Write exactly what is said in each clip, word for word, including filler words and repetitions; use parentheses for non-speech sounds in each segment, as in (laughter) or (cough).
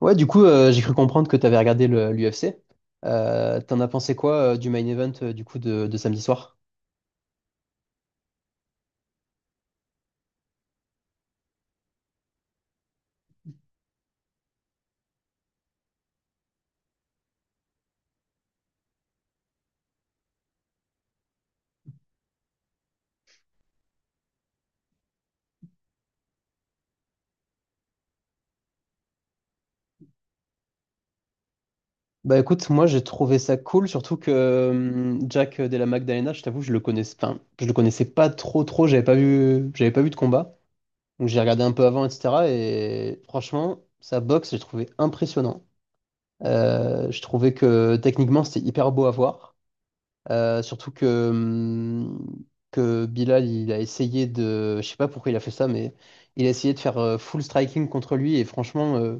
Ouais, du coup, euh, j'ai cru comprendre que t'avais regardé l'U F C. Euh, t'en as pensé quoi euh, du main event euh, du coup de, de samedi soir? Bah écoute, moi j'ai trouvé ça cool, surtout que euh, Jack de la Magdalena, je t'avoue, je le connaissais, enfin, je le connaissais pas trop trop, j'avais pas vu, j'avais pas vu de combat, donc j'ai regardé un peu avant, et cetera. Et franchement, sa boxe, j'ai trouvé impressionnant. Euh, je trouvais que techniquement c'était hyper beau à voir. Euh, surtout que, hum, que Bilal, il a essayé de. Je sais pas pourquoi il a fait ça, mais il a essayé de faire euh, full striking contre lui. Et franchement, euh,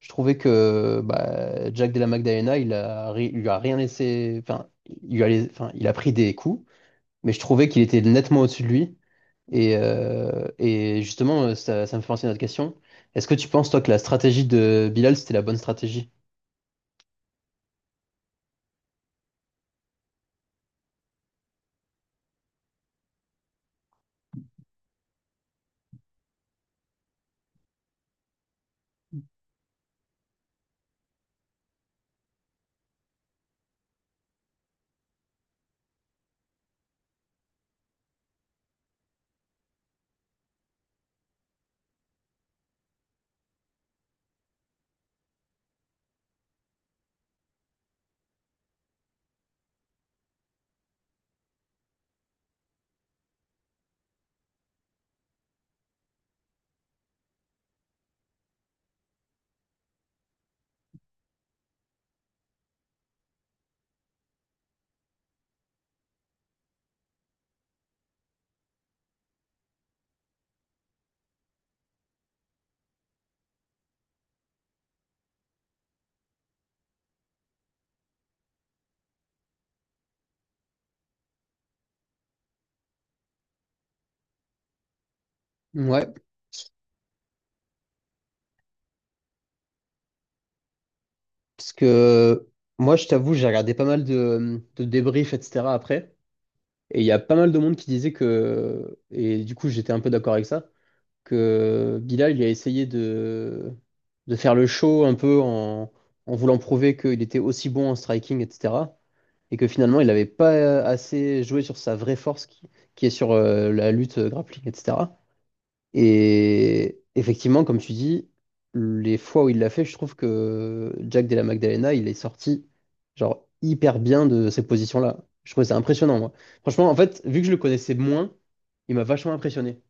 je trouvais que bah, Jack de la Magdalena, il a, ri- il lui a rien laissé. Enfin, il lui a, lais- enfin, il a pris des coups, mais je trouvais qu'il était nettement au-dessus de lui. Et, euh, et justement, euh, ça, ça me fait penser à notre question. Est-ce que tu penses, toi, que la stratégie de Bilal, c'était la bonne stratégie? Ouais. Parce que moi, je t'avoue, j'ai regardé pas mal de, de débriefs, et cetera après. Et il y a pas mal de monde qui disait que, et du coup, j'étais un peu d'accord avec ça, que Bilal, il a essayé de, de faire le show un peu en, en voulant prouver qu'il était aussi bon en striking, et cetera. Et que finalement, il n'avait pas euh, assez joué sur sa vraie force qui, qui est sur euh, la lutte euh, grappling, et cetera. Et effectivement, comme tu dis, les fois où il l'a fait, je trouve que Jack Della Magdalena, il est sorti genre hyper bien de ces positions-là. Je trouvais ça impressionnant, moi. Franchement, en fait, vu que je le connaissais moins, il m'a vachement impressionné.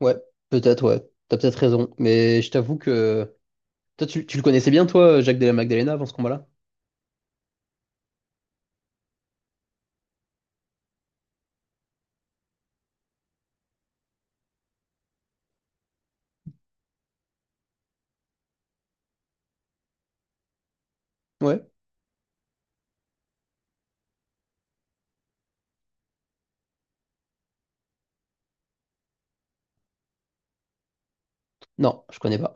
Ouais, peut-être, ouais. T'as peut-être raison. Mais je t'avoue que. Toi, tu, tu le connaissais bien, toi, Jack Della Magdalena, avant ce combat-là? Ouais. Non, je connais pas.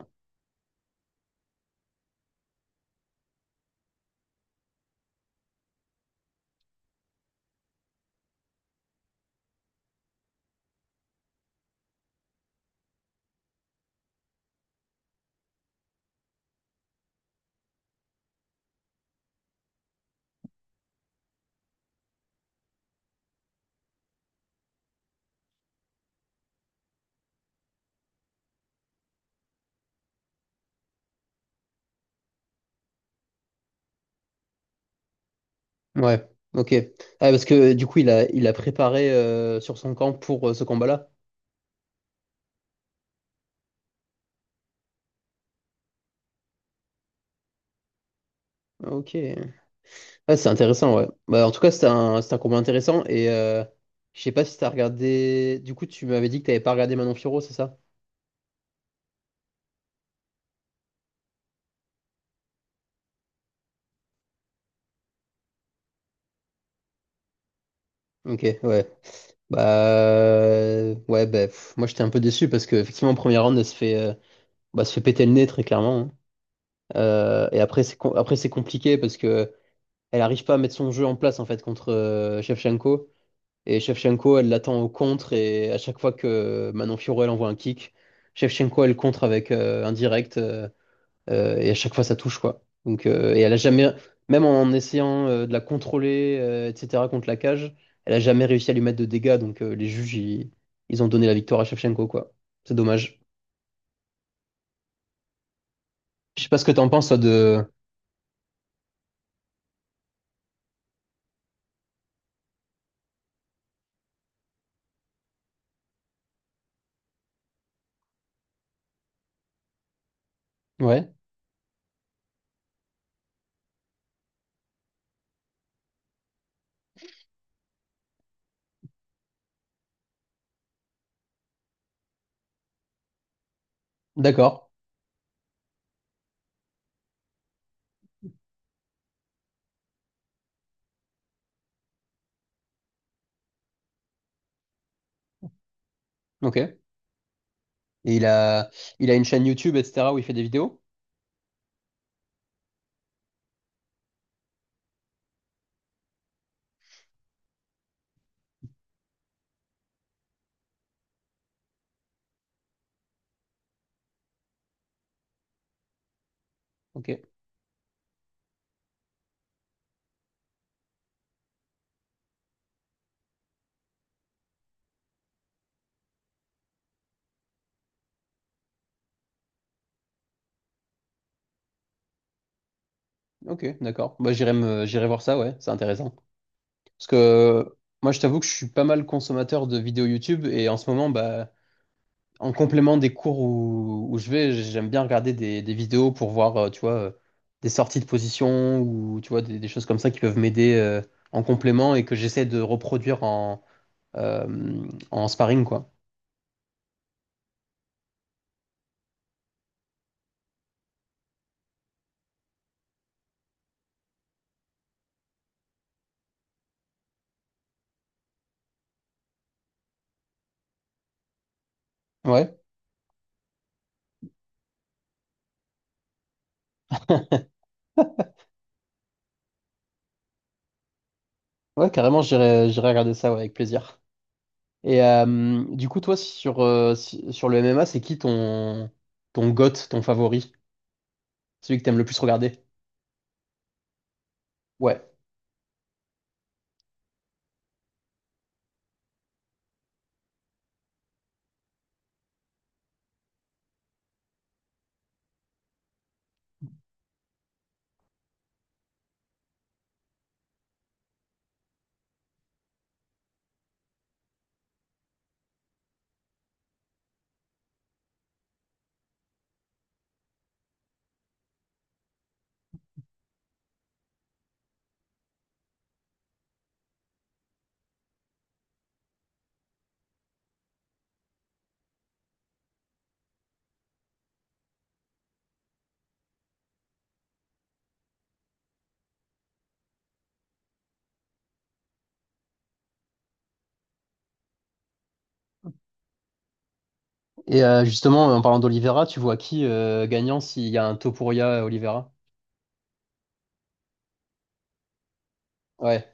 Ouais, ok. Ah, parce que du coup, il a, il a préparé euh, sur son camp pour euh, ce combat-là. Ok. Ouais, c'est intéressant, ouais. Bah, en tout cas, c'était un, c'était un combat intéressant. Et euh, je sais pas si t'as regardé. Du coup, tu m'avais dit que t'avais pas regardé Manon Fiorot, c'est ça? Ok, ouais. Bah. euh, Ouais, bah, pff, moi, j'étais un peu déçu parce que, effectivement, en premier round, elle se fait, euh, bah, se fait péter le nez, très clairement, hein. Euh, et après, c'est com- après, c'est compliqué parce que elle arrive pas à mettre son jeu en place, en fait, contre euh, Shevchenko. Et Shevchenko, elle l'attend au contre. Et à chaque fois que Manon Fiorot, elle envoie un kick, Shevchenko, elle contre avec euh, un direct. Euh, Euh, et à chaque fois, ça touche, quoi. Donc, euh, et elle a jamais, même en essayant euh, de la contrôler, euh, et cetera, contre la cage, elle a jamais réussi à lui mettre de dégâts. Donc, euh, les juges, ils, ils ont donné la victoire à Shevchenko, quoi. C'est dommage. Je sais pas ce que t'en penses, toi, de. Ouais, d'accord. Ok. Et il a, il a une chaîne YouTube, et cetera, où il fait des vidéos. Ok, ok, d'accord. Moi, j'irai me, j'irai voir ça, ouais, c'est intéressant. Parce que moi, je t'avoue que je suis pas mal consommateur de vidéos YouTube et en ce moment, bah. En complément des cours où, où je vais, j'aime bien regarder des, des vidéos pour voir, euh, tu vois, euh, des sorties de position ou tu vois, des, des choses comme ça qui peuvent m'aider euh, en complément et que j'essaie de reproduire en, euh, en sparring, quoi. Ouais. (laughs) Ouais, carrément, j'irai, j'irai regarder ça, ouais, avec plaisir. Et euh, du coup, toi, sur, euh, si- sur le M M A, c'est qui ton, ton GOAT, ton favori? Celui que t'aimes le plus regarder? Ouais. Et euh, justement, en parlant d'Olivera, tu vois qui euh, gagnant s'il y a un Topuria Olivera? Ouais.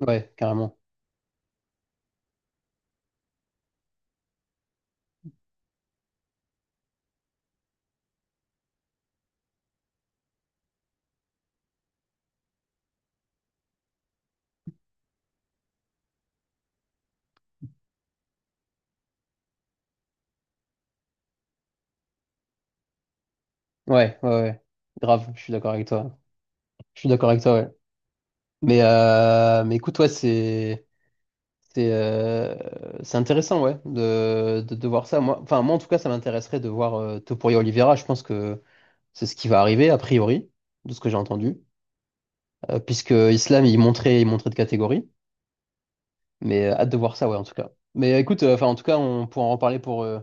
Ouais, carrément. Ouais, ouais, ouais. Grave, je suis d'accord avec toi. Je suis d'accord avec toi, ouais. Mais, euh, mais écoute, ouais, c'est c'est euh, c'est intéressant, ouais, de, de, de voir ça. Moi, enfin, moi, en tout cas, ça m'intéresserait de voir euh, Topuria Oliveira. Je pense que c'est ce qui va arriver, a priori, de ce que j'ai entendu. Euh, puisque Islam, il montrait, il montrait de catégorie. Mais euh, hâte de voir ça, ouais, en tout cas. Mais euh, écoute, euh, enfin, en tout cas, on pourra en reparler pour, euh,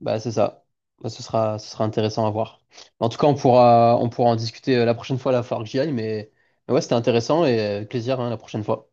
Bah, c'est ça. Bah, ce sera, ce sera intéressant à voir. En tout cas, on pourra, on pourra en discuter euh, la prochaine fois. Là, il va falloir que j'y aille, mais, mais ouais, c'était intéressant et euh, plaisir hein, la prochaine fois.